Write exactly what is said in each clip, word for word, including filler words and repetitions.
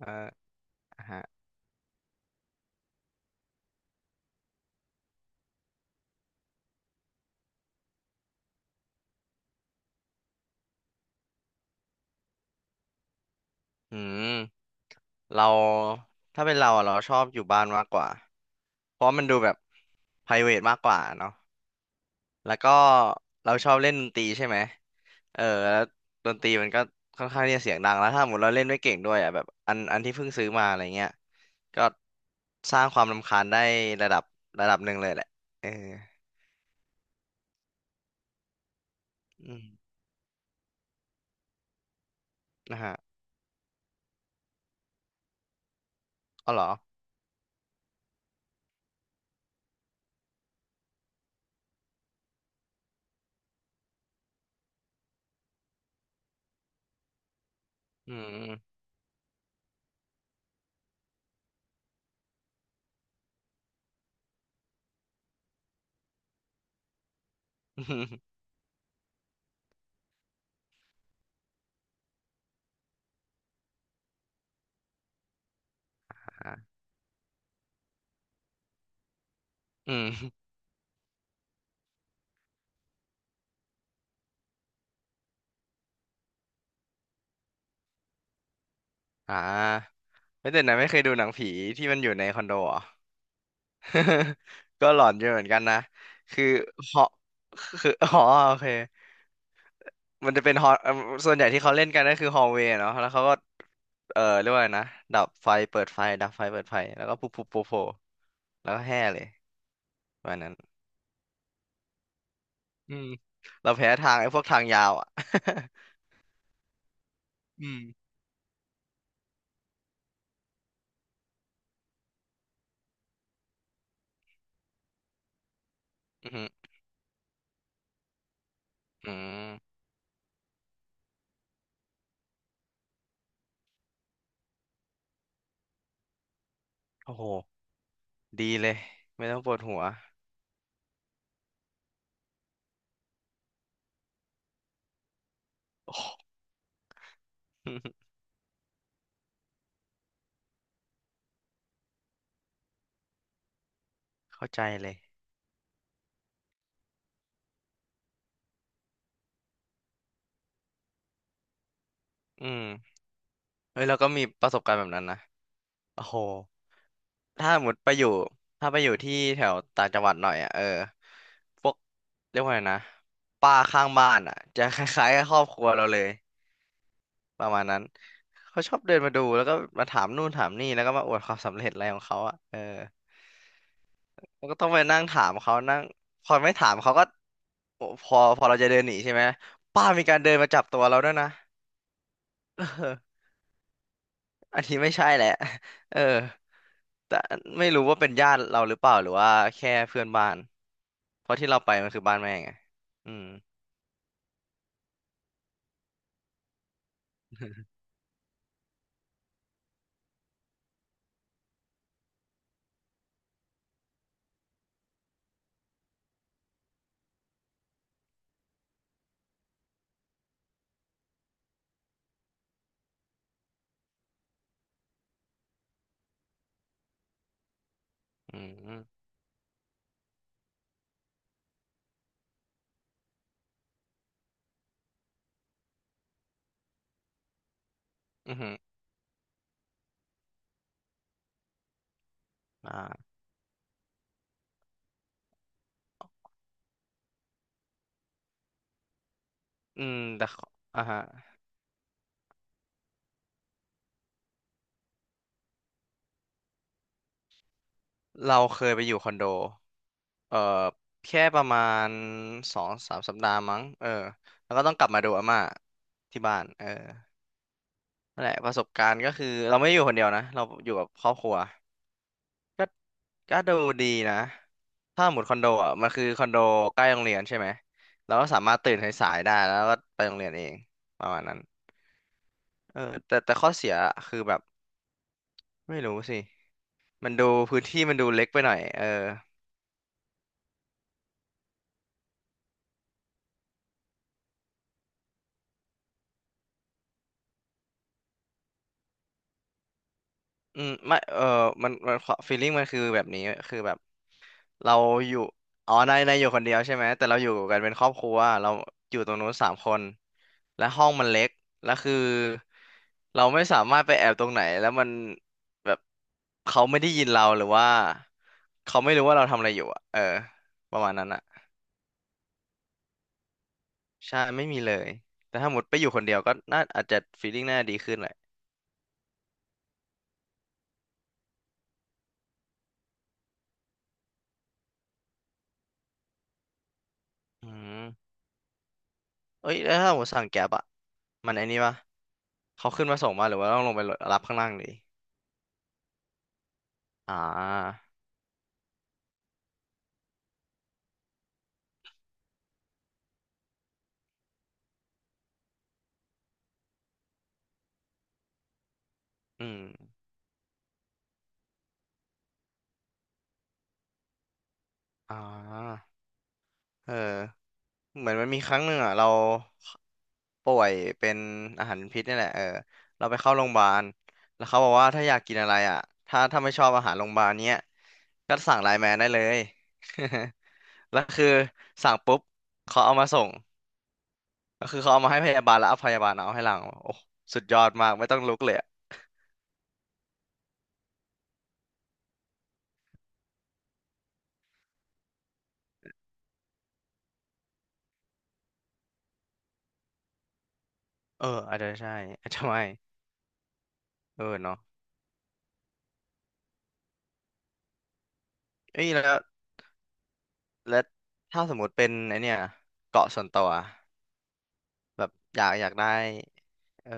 อ่าฮะอืมเราถ้าเป็นเราอะเราชอบอยู่บ้านมากกว่าเพราะมันดูแบบ private มากกว่าเนาะแล้วก็เราชอบเล่นดนตรีใช่ไหมเออแล้วดนตรีมันก็ค่อนข้างที่จะเสียงดังแล้วถ้าสมมติเราเล่นไม่เก่งด้วยอ่ะแบบอันอันที่เพิ่งซื้อมาอะไรเงี้ยก็สร้างความรำคาญได้ระดับระดับหนึ่งเลยแหละเอออืมนะฮะอ๋อเหรออืม อืมอืม อ่าไม่แต่นะไม่เคยดูหนังผีที่มันอยู่ในคอนโดเหรอ ก็หลอนอยู่เหมือนกันนะคือฮอคือ อ๋อโอเคมันจะเป็นฮอเอิ่มส่วนใหญ่ที่เขาเล่นกันก็คือฮอลเวย์เนาะแล้วเขาก็เออเรียกว่าอะไรนะดับไฟเปิดไฟดับไฟเปิดไฟแล้วก็ปุ๊บปุ๊บโผล่แล้วก็แห่เลยวันนั้นอืมเราแพ้ทางไอ้พวกทางยาวอ่ะ อืม อืมอืมโอ้โหดีเลยไม่ต้องปวดหัว โอ้โห เข้าใจเลยอืม เฮ้ยเราก็มีประสบการณ์แบบนั้นนะโอ้โหถ้าหมดไปอยู่ถ้าไปอยู่ที่แถวต่างจังหวัดหน่อยอ่ะเออพวกเรียกว่าไงนะป้าข้างบ้านอ่ะจะคล้ายๆกับครอบครัวเราเลยประมาณนั้นเขาชอบเดินมาดูแล้วก็มาถามนู่นถามนี่แล้วก็มาอวดความสำเร็จอะไรของเขาอ่ะเออแล้วก็ต้องไปนั่งถามเขานั่งพอไม่ถามเขาก็โอ้พอพอเราจะเดินหนีใช่ไหมป้ามีการเดินมาจับตัวเราด้วยนะ อันนี้ไม่ใช่แหละ เออแต่ไม่รู้ว่าเป็นญาติเราหรือเปล่าหรือว่าแค่เพื่อนบ้านเพราะที่เราไปมันคือบ้านแม่ไงอืม อืมอืมอหืออ่าอืมแต่ขออ่าฮะเราเคยไปอยู่คอนโดเอ่อแค่ประมาณสองสามสัปดาห์มั้งเออแล้วก็ต้องกลับมาดูอาม่าที่บ้านเออนั่นแหละประสบการณ์ก็คือเราไม่ได้อยู่คนเดียวนะเราอยู่กับครอบครัว ก็ก็ดูดีนะถ้าหมดคอนโดอ่ะมันคือคอนโดใกล้โรงเรียนใช่ไหมเราก็สามารถตื่นสายๆได้แล้วก็ไปโรงเรียนเองประมาณนั้นเออแต่แต่ข้อเสียคือแบบไม่รู้สิมันดูพื้นที่มันดูเล็กไปหน่อยเออ อืมไม่เออมันมันฟีลลิ่งมันคือแบบนี้คือแบบเราอยู่อ๋อนายนายอยู่คนเดียวใช่ไหมแต่เราอยู่กันเป็นครอบครัวเราอยู่ตรงนู้นสามคนและห้องมันเล็กแล้วคือเราไม่สามารถไปแอบตรงไหนแล้วมันแบบเขาไม่ได้ยินเราหรือว่าเขาไม่รู้ว่าเราทำอะไรอยู่อะเออประมาณนั้นอะใช่ไม่มีเลยแต่ถ้าหมดไปอยู่คนเดียวก็น่าอาจจะฟีลลิ่งน่าดีขึ้นแหละอืม เอ้ยแล้วถ้าผมสั่งแก๊บอะมันไอ้นี่ปะเขาขึ้นมาส่งมาหรือว่าต้องลงไปรับข้างล่างดิอ่าอืม อ่าเออเหมือนมันมีครั้งหนึ่งอ่ะเราป่วยเป็นอาหารพิษนี่แหละเออเราไปเข้าโรงพยาบาลแล้วเขาบอกว่าถ้าอยากกินอะไรอ่ะถ้าถ้าไม่ชอบอาหารโรงพยาบาลเนี้ยก็สั่งไลน์แมนได้เลย แล้วคือสั่งปุ๊บ เขาเอามาส่งก็คือเขาเอามาให้พยาบาลแล้วเอาพยาบาลเอาให้หลังโอ้สุดยอดมากไม่ต้องลุกเลย เอออาจจะใช่อาจจะไม่เออเนาะเอ้ยแล้วแล้วถ้าสมมติเป็นไอเนี่ยเกาะส่วนตัวแบบอยากอยากได้เออ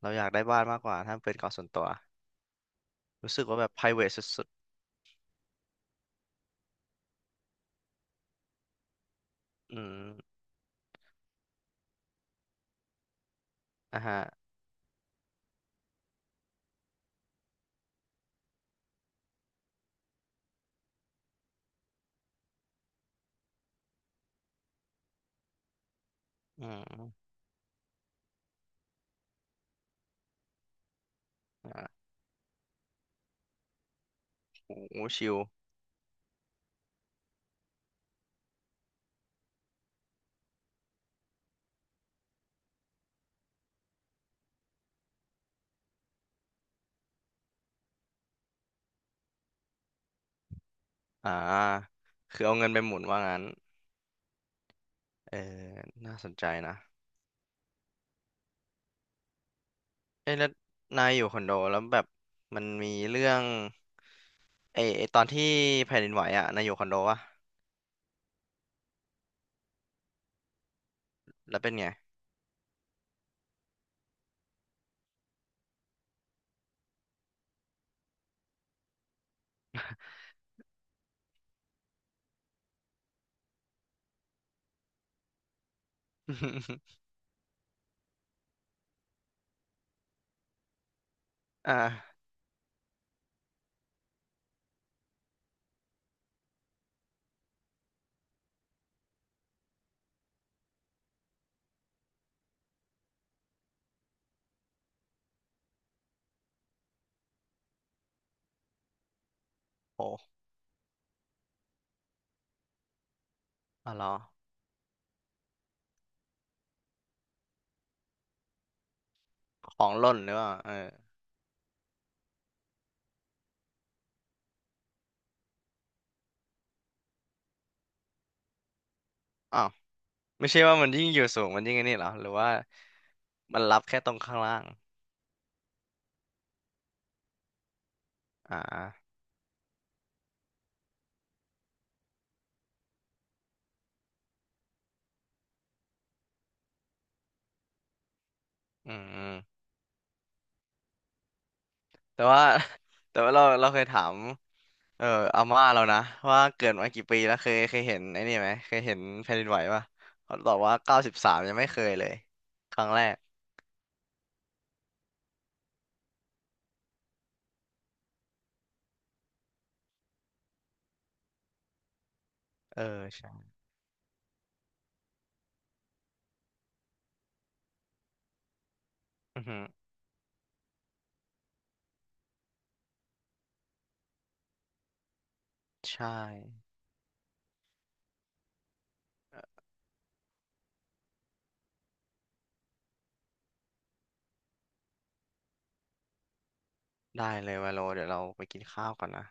เราอยากได้บ้านมากกว่าถ้าเป็นเกาะส่วนตัวรู้สึกว่าแบบ private สุดๆอืมอ่ะฮะอืมอ่าโอ้โหชิลอ่าคือเอาเงินไปหมุนว่างั้นเออน่าสนใจนะเอ้ยแล้วนายอยู่คอนโดแล้วแบบมันมีเรื่องไอ้ไอ้ตอนที่แผ่นดินไหวอ่ะนายอยู่คอนโดวะแล้วเป็นไง อ่าโห อ๋อเหรอของหล่นหรือเปล่าเอออ้าวไม่ใช่ว่ามันยิ่งอยู่สูงมันยิ่งไอ้นี่เหรอหรือว่ามันรับแค่ตรงข้างล่างอ่าอืมอืมแต่ว่า แต่ว่าเราเราเคยถามเอออาม่าเรานะว่าเกิดมากี่ปีแล้วเคยเคยเห็นไอ้นี่ไหมเคยเห็นแผ่นดินไหวป่ะเขาตอบว่าเก้าสิบสามยังไม่เคยเลยครั้งแรกเออใช่อือฮึใช่ได้เลยว่าโลเดี๋ยวเราไปกินข้าวก่อนนะ